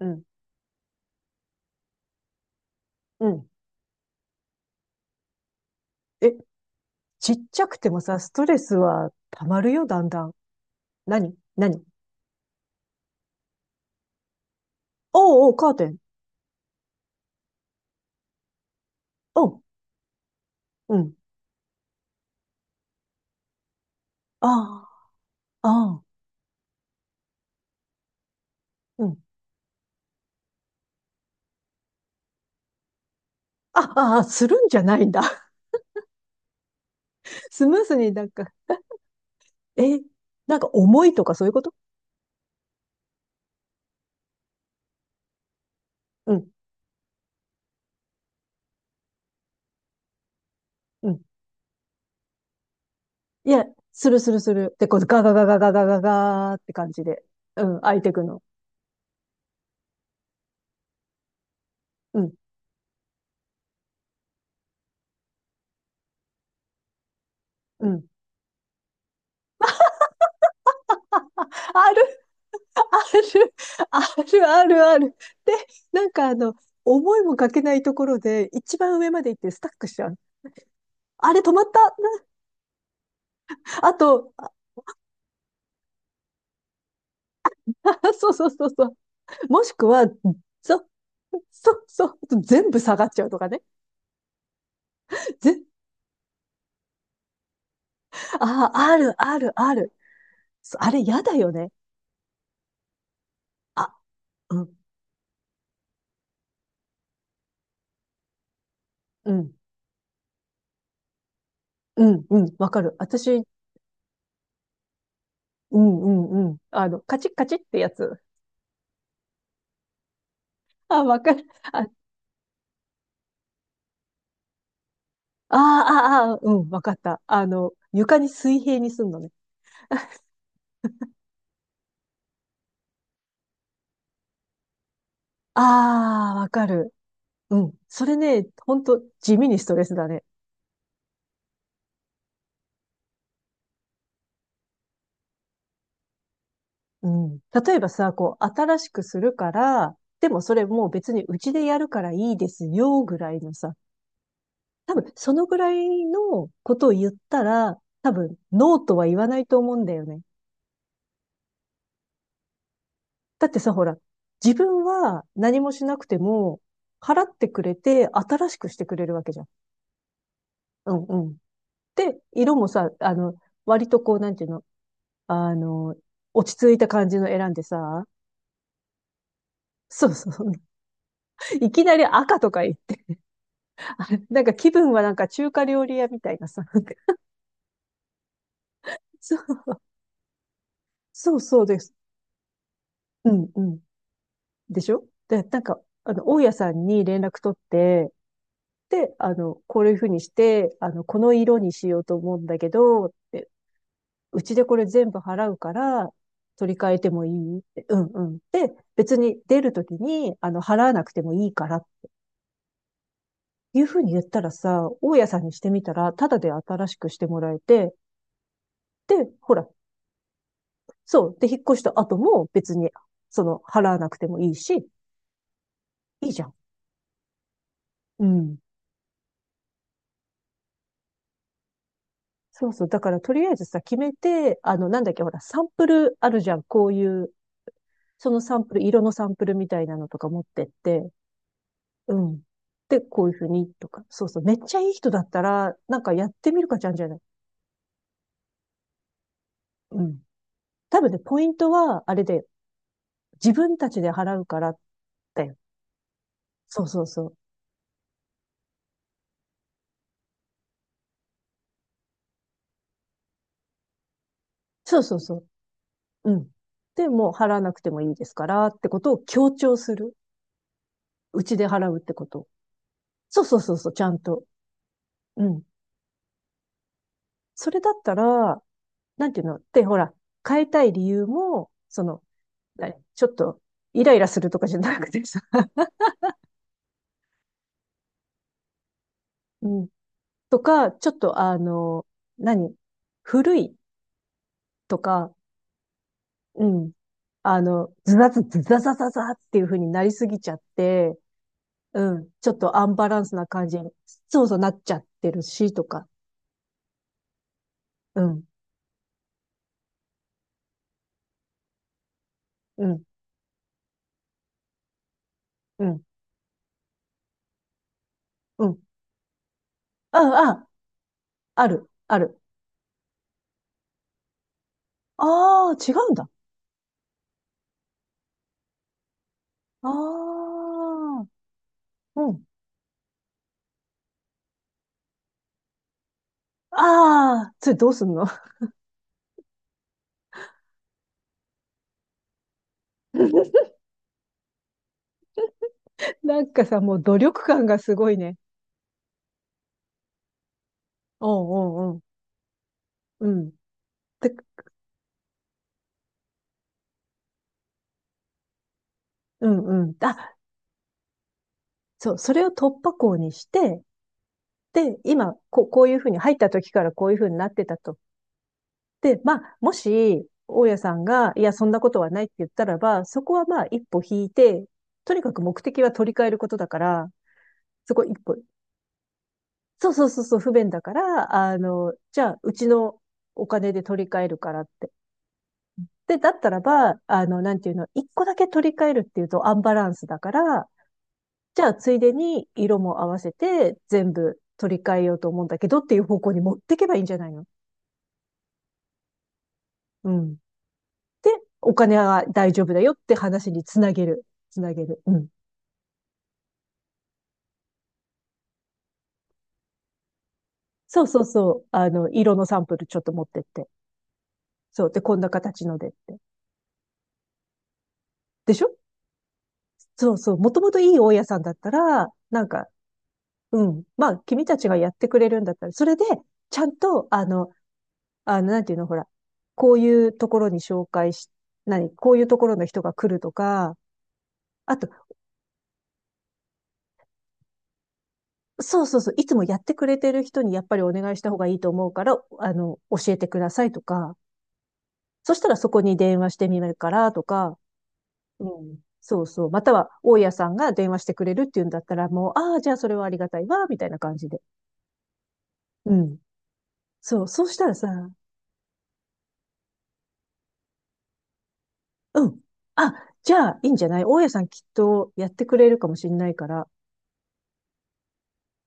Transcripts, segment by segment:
うん。うん。え、ちっちゃくてもさ、ストレスは溜まるよ、だんだん。何、何？おうおう、カーテン。おう、うん。ああ、ああ、うん。あああ、するんじゃないんだ。スムースになんか、え、なんか重いとかそういうこと？うん、うん。いや、するするする。で、こうガガガガガガガガーって感じで、うん、開いてくの。うん、うん。あるある、ある、ある。で、なんか思いもかけないところで、一番上まで行ってスタックしちゃう。あれ、止まった？あと、そうそうそうそう。もしくは、そ、そう、全部下がっちゃうとかね。ぜ、ああ、ある、ある、ある。そうあれ、やだよね。あ、うん、うん、うん、うん、わかる。私、うん、うん、うん。あの、カチッカチッってやつ。あ、わかる。あ、ああ、ああ、うん、わかった。あの、床に水平にすんのね。ああ、わかる。うん。それね、ほんと地味にストレスだね。うん。例えばさ、こう、新しくするから、でもそれもう別にうちでやるからいいですよ、ぐらいのさ。多分、そのぐらいのことを言ったら、多分、ノーとは言わないと思うんだよね。だってさ、ほら、自分は何もしなくても、払ってくれて、新しくしてくれるわけじゃん。うんうん。で、色もさ、割とこう、なんていうの？あの、落ち着いた感じの選んでさ、そうそう。いきなり赤とか言って、なんか気分はなんか中華料理屋みたいなさ、なんかそうそうそうです。うんうん。でしょ？で、なんか、大家さんに連絡取って、で、こういうふうにして、この色にしようと思うんだけど、って、うちでこれ全部払うから、取り替えてもいいって、うんうん。で、別に出るときに、払わなくてもいいからいうふうに言ったらさ、大家さんにしてみたら、ただで新しくしてもらえて、で、ほら、そう。で、引っ越した後も別に、払わなくてもいいし、いいじゃん。うん。そうそう。だからとりあえずさ、決めて、なんだっけ、ほら、サンプルあるじゃん。こういう、そのサンプル、色のサンプルみたいなのとか持ってって、うん。で、こういうふうに、とか。そうそう。めっちゃいい人だったら、なんかやってみるかちゃんじゃない？うん。多分ね、ポイントは、あれで、自分たちで払うからだよ。そうそうそう。そうそうそう。うん。で、もう払わなくてもいいですからってことを強調する。うちで払うってこと。そうそうそうそう、ちゃんと。うん。それだったら、なんていうので、ほら、変えたい理由も、その、何ちょっと、イライラするとかじゃなくてさ、うん。とか、ちょっと、何古いとか、うん。ズザズズザザザザっていう風になりすぎちゃって、うん。ちょっとアンバランスな感じに、そうそうなっちゃってるし、とか。うん、うん、うん、うん。あ、あ、ある、ある。ああ、違うんだ。ああ、うん。ああ、それどうすんの？ なんかさ、もう努力感がすごいね。うんうんうん。うん。てかうんうん。あ、そう、それを突破口にして、で、今、こう、こういうふうに入った時からこういうふうになってたと。で、まあ、もし、大家さんが、いや、そんなことはないって言ったらば、そこはまあ、一歩引いて、とにかく目的は取り替えることだから、そこ一歩、そうそうそうそう、不便だから、じゃあ、うちのお金で取り替えるからって。で、だったらば、なんていうの、一個だけ取り替えるっていうとアンバランスだから、じゃあ、ついでに色も合わせて全部取り替えようと思うんだけどっていう方向に持ってけばいいんじゃないの？うん。で、お金は大丈夫だよって話につなげる。つなげる。うん。そうそうそう。色のサンプルちょっと持ってって。そう。で、こんな形のでって。でしょ？そうそう。もともといい大家さんだったら、なんかうん。まあ、君たちがやってくれるんだったら、それで、ちゃんと、なんていうの、ほら、こういうところに紹介し、何、こういうところの人が来るとか、あと、そうそうそう、いつもやってくれてる人にやっぱりお願いした方がいいと思うから、教えてくださいとか、そしたらそこに電話してみるからとか、うん。そうそう。または、大家さんが電話してくれるっていうんだったら、もう、ああ、じゃあそれはありがたいわ、みたいな感じで。うん。そう、そうしたらさ、うん。あ、じゃあ、いいんじゃない？大家さんきっとやってくれるかもしれないから。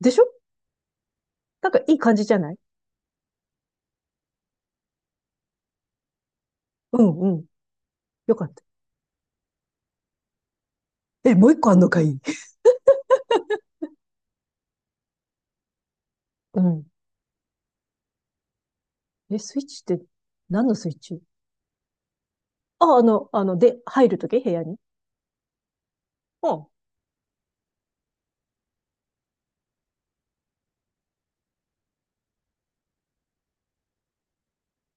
でしょ？なんかいい感じじゃない？うんうん。よかった。え、もう一個あんのかい？ うん。え、スイッチって？何のスイッチ？あ、で、入るとき部屋に？うん。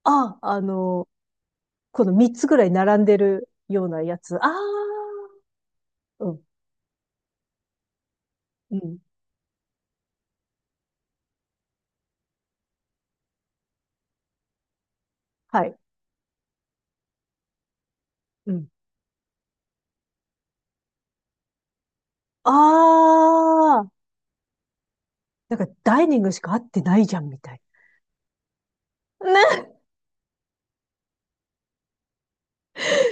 あ、この三つぐらい並んでるようなやつ。ああ、うん、うん。はい。うん。ああ、なんかダイニングしか合ってないじゃん、みたいな。ね。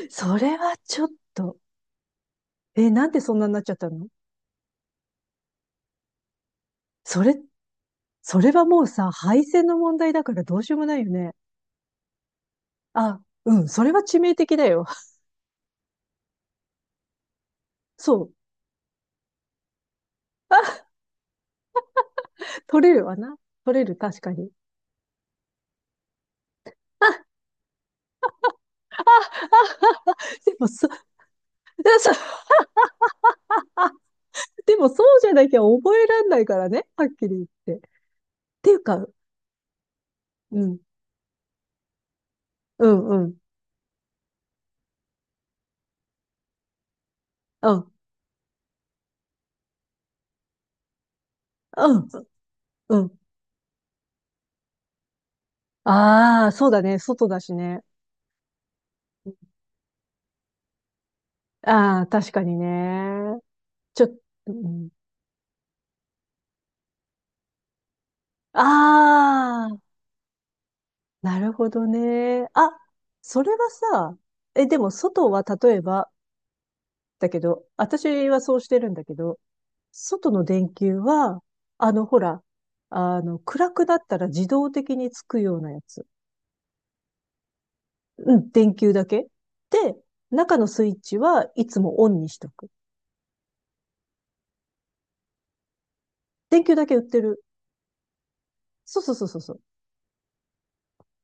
それはちょっと。え、なんでそんなになっちゃったの？それ、それはもうさ、配線の問題だからどうしようもないよね。あ、うん、それは致命的だよ。そう。あ、取れるわな。取れる、確かに。あ、でもそ、もそでもそうじゃなきゃ覚えらんないからね。はっきり言って。っていうか、うん、うん、うん、うん、うん、うん。ああ、そうだね。外だしね。ああ、確かにね。ちょ、うん、ああ、なるほどね。あ、それはさ、え、でも外は例えば、だけど、私はそうしてるんだけど、外の電球は、ほら、暗くなったら自動的につくようなやつ。うん、電球だけ。で、中のスイッチはいつもオンにしとく。電球だけ売ってる。そうそうそうそうそう。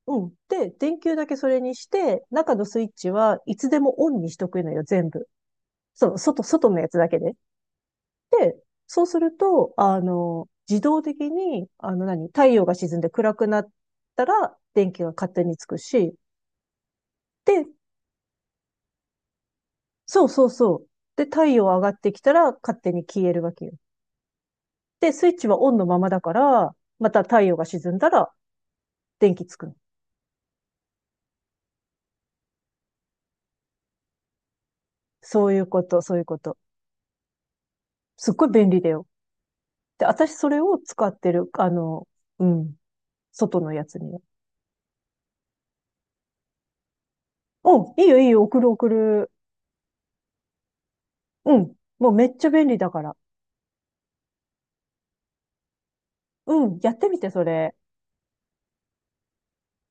うん。で、電球だけそれにして、中のスイッチはいつでもオンにしとくのよ、全部。そう、外のやつだけで。で、そうすると、自動的に、何、太陽が沈んで暗くなったら、電気が勝手につくし、で、そうそうそう。で、太陽上がってきたら、勝手に消えるわけよ。で、スイッチはオンのままだから、また太陽が沈んだら、電気つくの。そういうこと、そういうこと。すっごい便利だよ。で、私それを使ってる、うん、外のやつには。うん、いいよいいよ、送る送る。うん、もうめっちゃ便利だから。うん、やってみて、それ。